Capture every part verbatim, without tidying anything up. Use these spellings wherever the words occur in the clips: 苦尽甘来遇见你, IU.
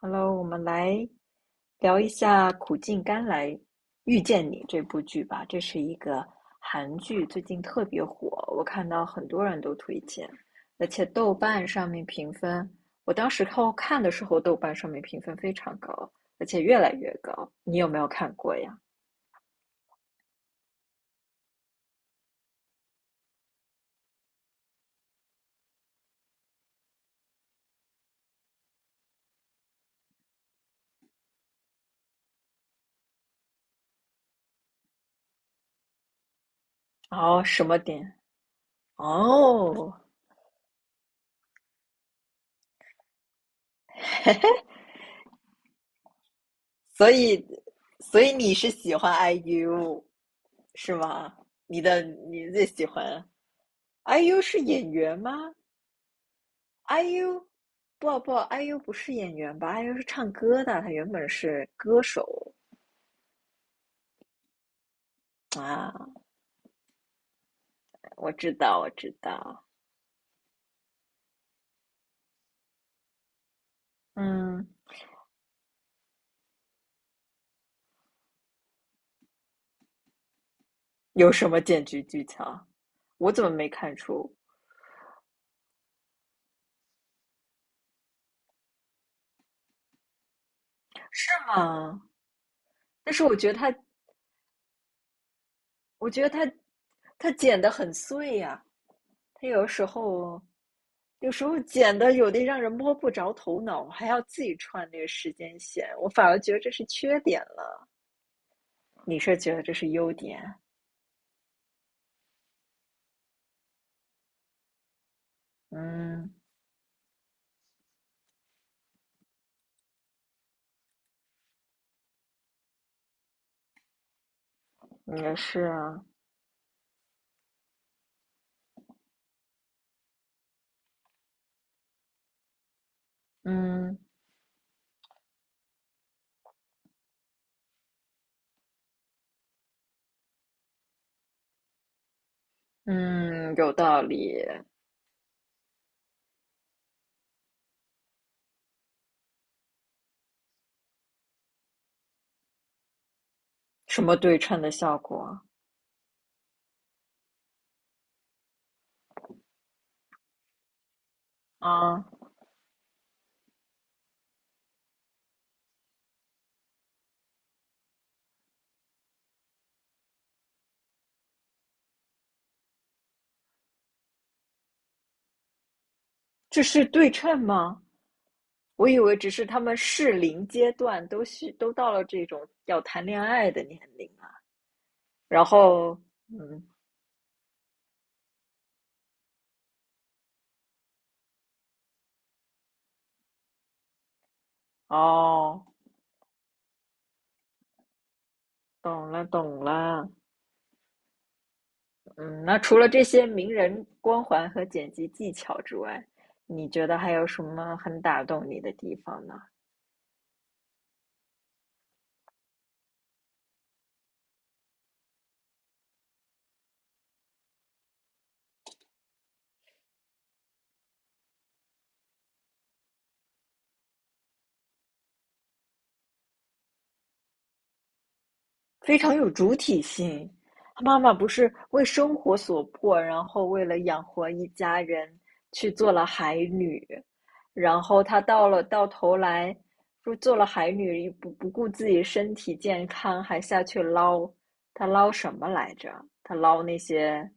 Hello，我们来聊一下《苦尽甘来遇见你》这部剧吧。这是一个韩剧，最近特别火，我看到很多人都推荐，而且豆瓣上面评分，我当时看看的时候，豆瓣上面评分非常高，而且越来越高。你有没有看过呀？哦，什么点？哦，所以，所以你是喜欢 IU 是吗？你的你最喜欢 IU 是演员吗？，IU 不不，IU 不是演员吧？IU 是唱歌的，他原本是歌手啊。我知道，我知道。嗯，有什么剪辑技巧？我怎么没看出？啊，但是我觉得他，我觉得他，他剪得很碎呀、啊他有时候，有时候剪的有的让人摸不着头脑，还要自己串那个时间线，我反而觉得这是缺点了。你是觉得这是优点？嗯，也是啊。嗯嗯，有道理。什么对称的效果啊？这是对称吗？我以为只是他们适龄阶段都需都到了这种要谈恋爱的年龄啊。然后，嗯，哦，懂了懂了。嗯，那除了这些名人光环和剪辑技巧之外，你觉得还有什么很打动你的地方呢？非常有主体性。他妈妈不是为生活所迫，然后为了养活一家人去做了海女，然后她到了到头来，说做了海女不不顾自己身体健康，还下去捞，她捞什么来着？她捞那些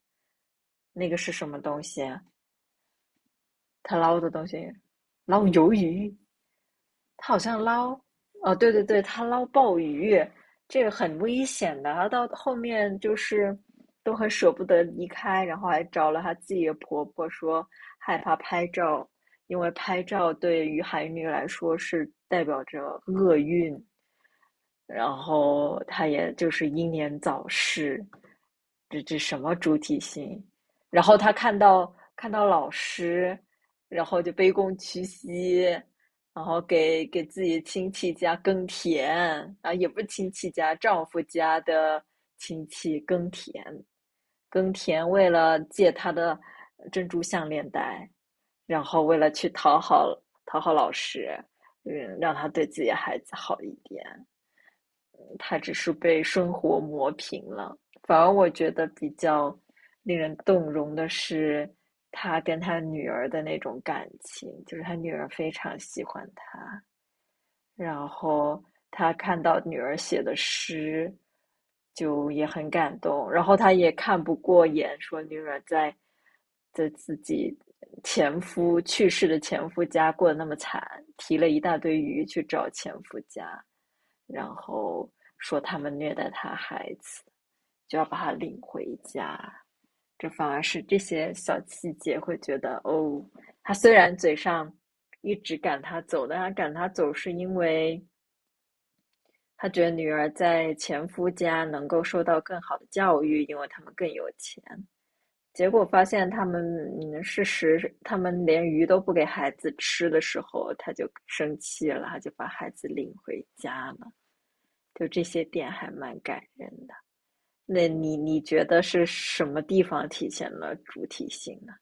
那个是什么东西啊？她捞的东西，捞鱿鱼，他好像捞，哦，对对对，他捞鲍鱼，这个很危险的。他到后面就是都很舍不得离开，然后还找了他自己的婆婆说害怕拍照，因为拍照对于海女来说是代表着厄运。然后他也就是英年早逝，这这什么主体性？然后他看到看到老师，然后就卑躬屈膝，然后给给自己亲戚家耕田啊，也不是亲戚家，丈夫家的亲戚耕田，耕田为了借他的珍珠项链戴，然后为了去讨好讨好老师，嗯，让他对自己的孩子好一点。他只是被生活磨平了。反而我觉得比较令人动容的是他跟他女儿的那种感情，就是他女儿非常喜欢他，然后他看到女儿写的诗，就也很感动。然后他也看不过眼，说女儿在在自己前夫去世的前夫家过得那么惨，提了一大堆鱼去找前夫家，然后说他们虐待他孩子，就要把他领回家。这反而是这些小细节会觉得哦，他虽然嘴上一直赶他走，但他赶他走是因为他觉得女儿在前夫家能够受到更好的教育，因为他们更有钱。结果发现他们，嗯，事实他们连鱼都不给孩子吃的时候，他就生气了，他就把孩子领回家了。就这些点还蛮感人的。那你你觉得是什么地方体现了主体性呢？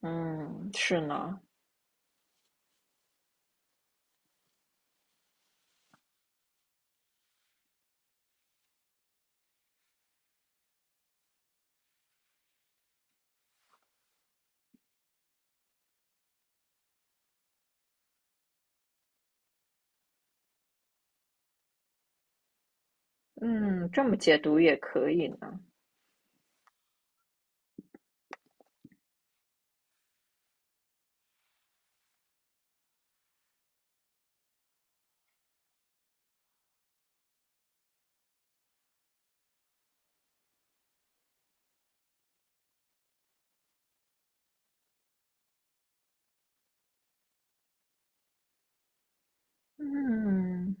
嗯，是呢。嗯，这么解读也可以呢。嗯，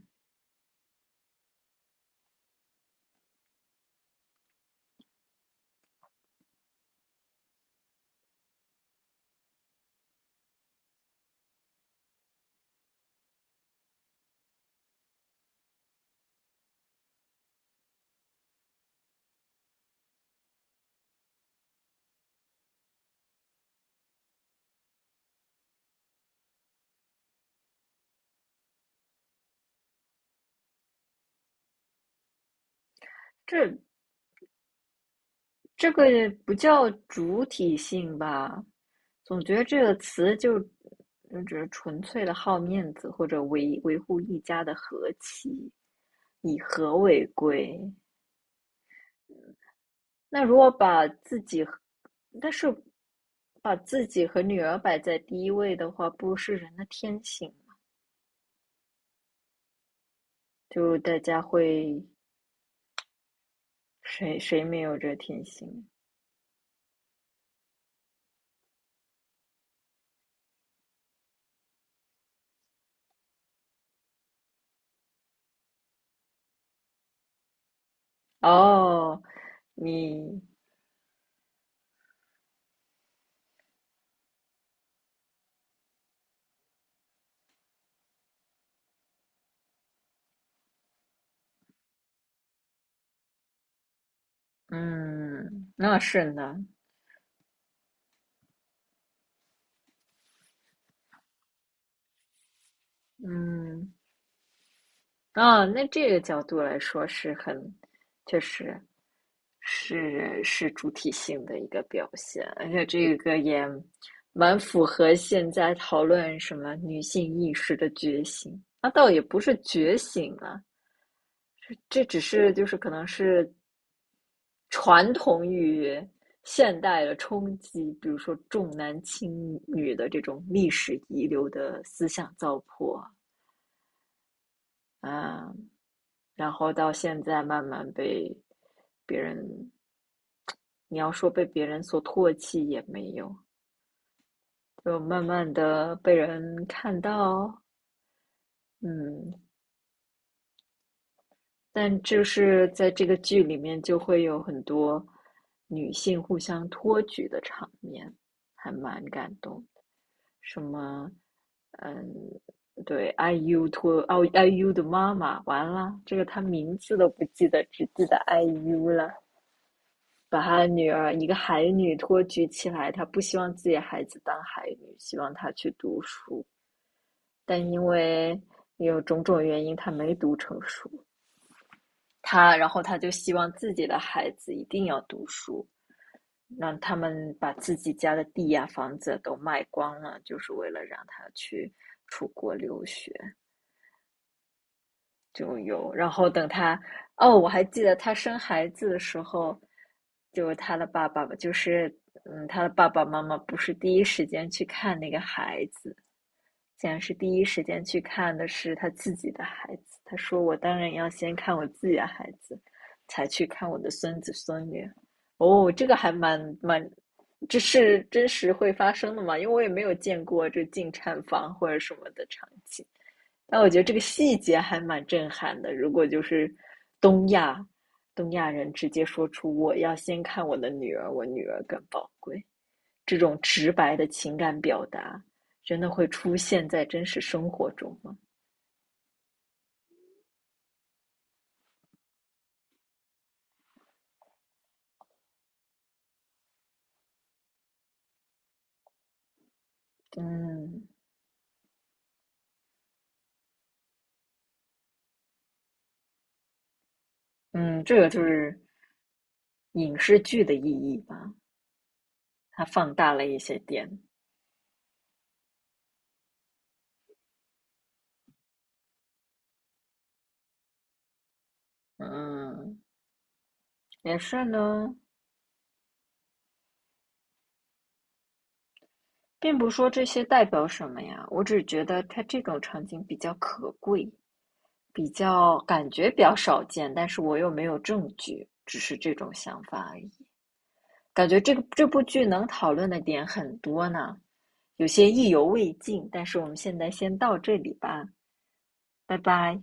这这个也不叫主体性吧？总觉得这个词就就只是纯粹的好面子，或者维维护一家的和气，以和为贵。那如果把自己和但是把自己和女儿摆在第一位的话，不是人的天性，就大家会谁谁没有这天性？哦，你嗯，那是呢。嗯，啊，那这个角度来说是很，确实是是主体性的一个表现，而且这个也蛮符合现在讨论什么女性意识的觉醒。那倒也不是觉醒啊，这只是就是可能是传统与现代的冲击，比如说重男轻女的这种历史遗留的思想糟粕啊。啊，然后到现在慢慢被别人，你要说被别人所唾弃也没有，就慢慢的被人看到，嗯，但就是在这个剧里面就会有很多女性互相托举的场面，还蛮感动什么，嗯，对，IU 托哦，I U 的妈妈，完了，这个她名字都不记得，只记得 I U 了。把他的女儿一个海女托举起来，他不希望自己的孩子当海女，希望她去读书，但因为有种种原因，他没读成书。他然后他就希望自己的孩子一定要读书，让他们把自己家的地呀、啊房子都卖光了，就是为了让他去出国留学。就有，然后等他，哦，我还记得他生孩子的时候，就他的爸爸，吧，就是嗯，他的爸爸妈妈不是第一时间去看那个孩子，竟然是第一时间去看的是他自己的孩子。他说：“我当然要先看我自己的孩子，才去看我的孙子孙女。”哦，这个还蛮蛮，这是真实会发生的嘛？因为我也没有见过这进产房或者什么的场景。但我觉得这个细节还蛮震撼的。如果就是东亚东亚人直接说出“我要先看我的女儿，我女儿更宝贵”这种直白的情感表达，真的会出现在真实生活中吗？嗯嗯，这个就是影视剧的意义吧，它放大了一些点。嗯，也是呢，并不说这些代表什么呀，我只觉得它这种场景比较可贵。比较感觉比较少见，但是我又没有证据，只是这种想法而已。感觉这个这部剧能讨论的点很多呢，有些意犹未尽，但是我们现在先到这里吧，拜拜。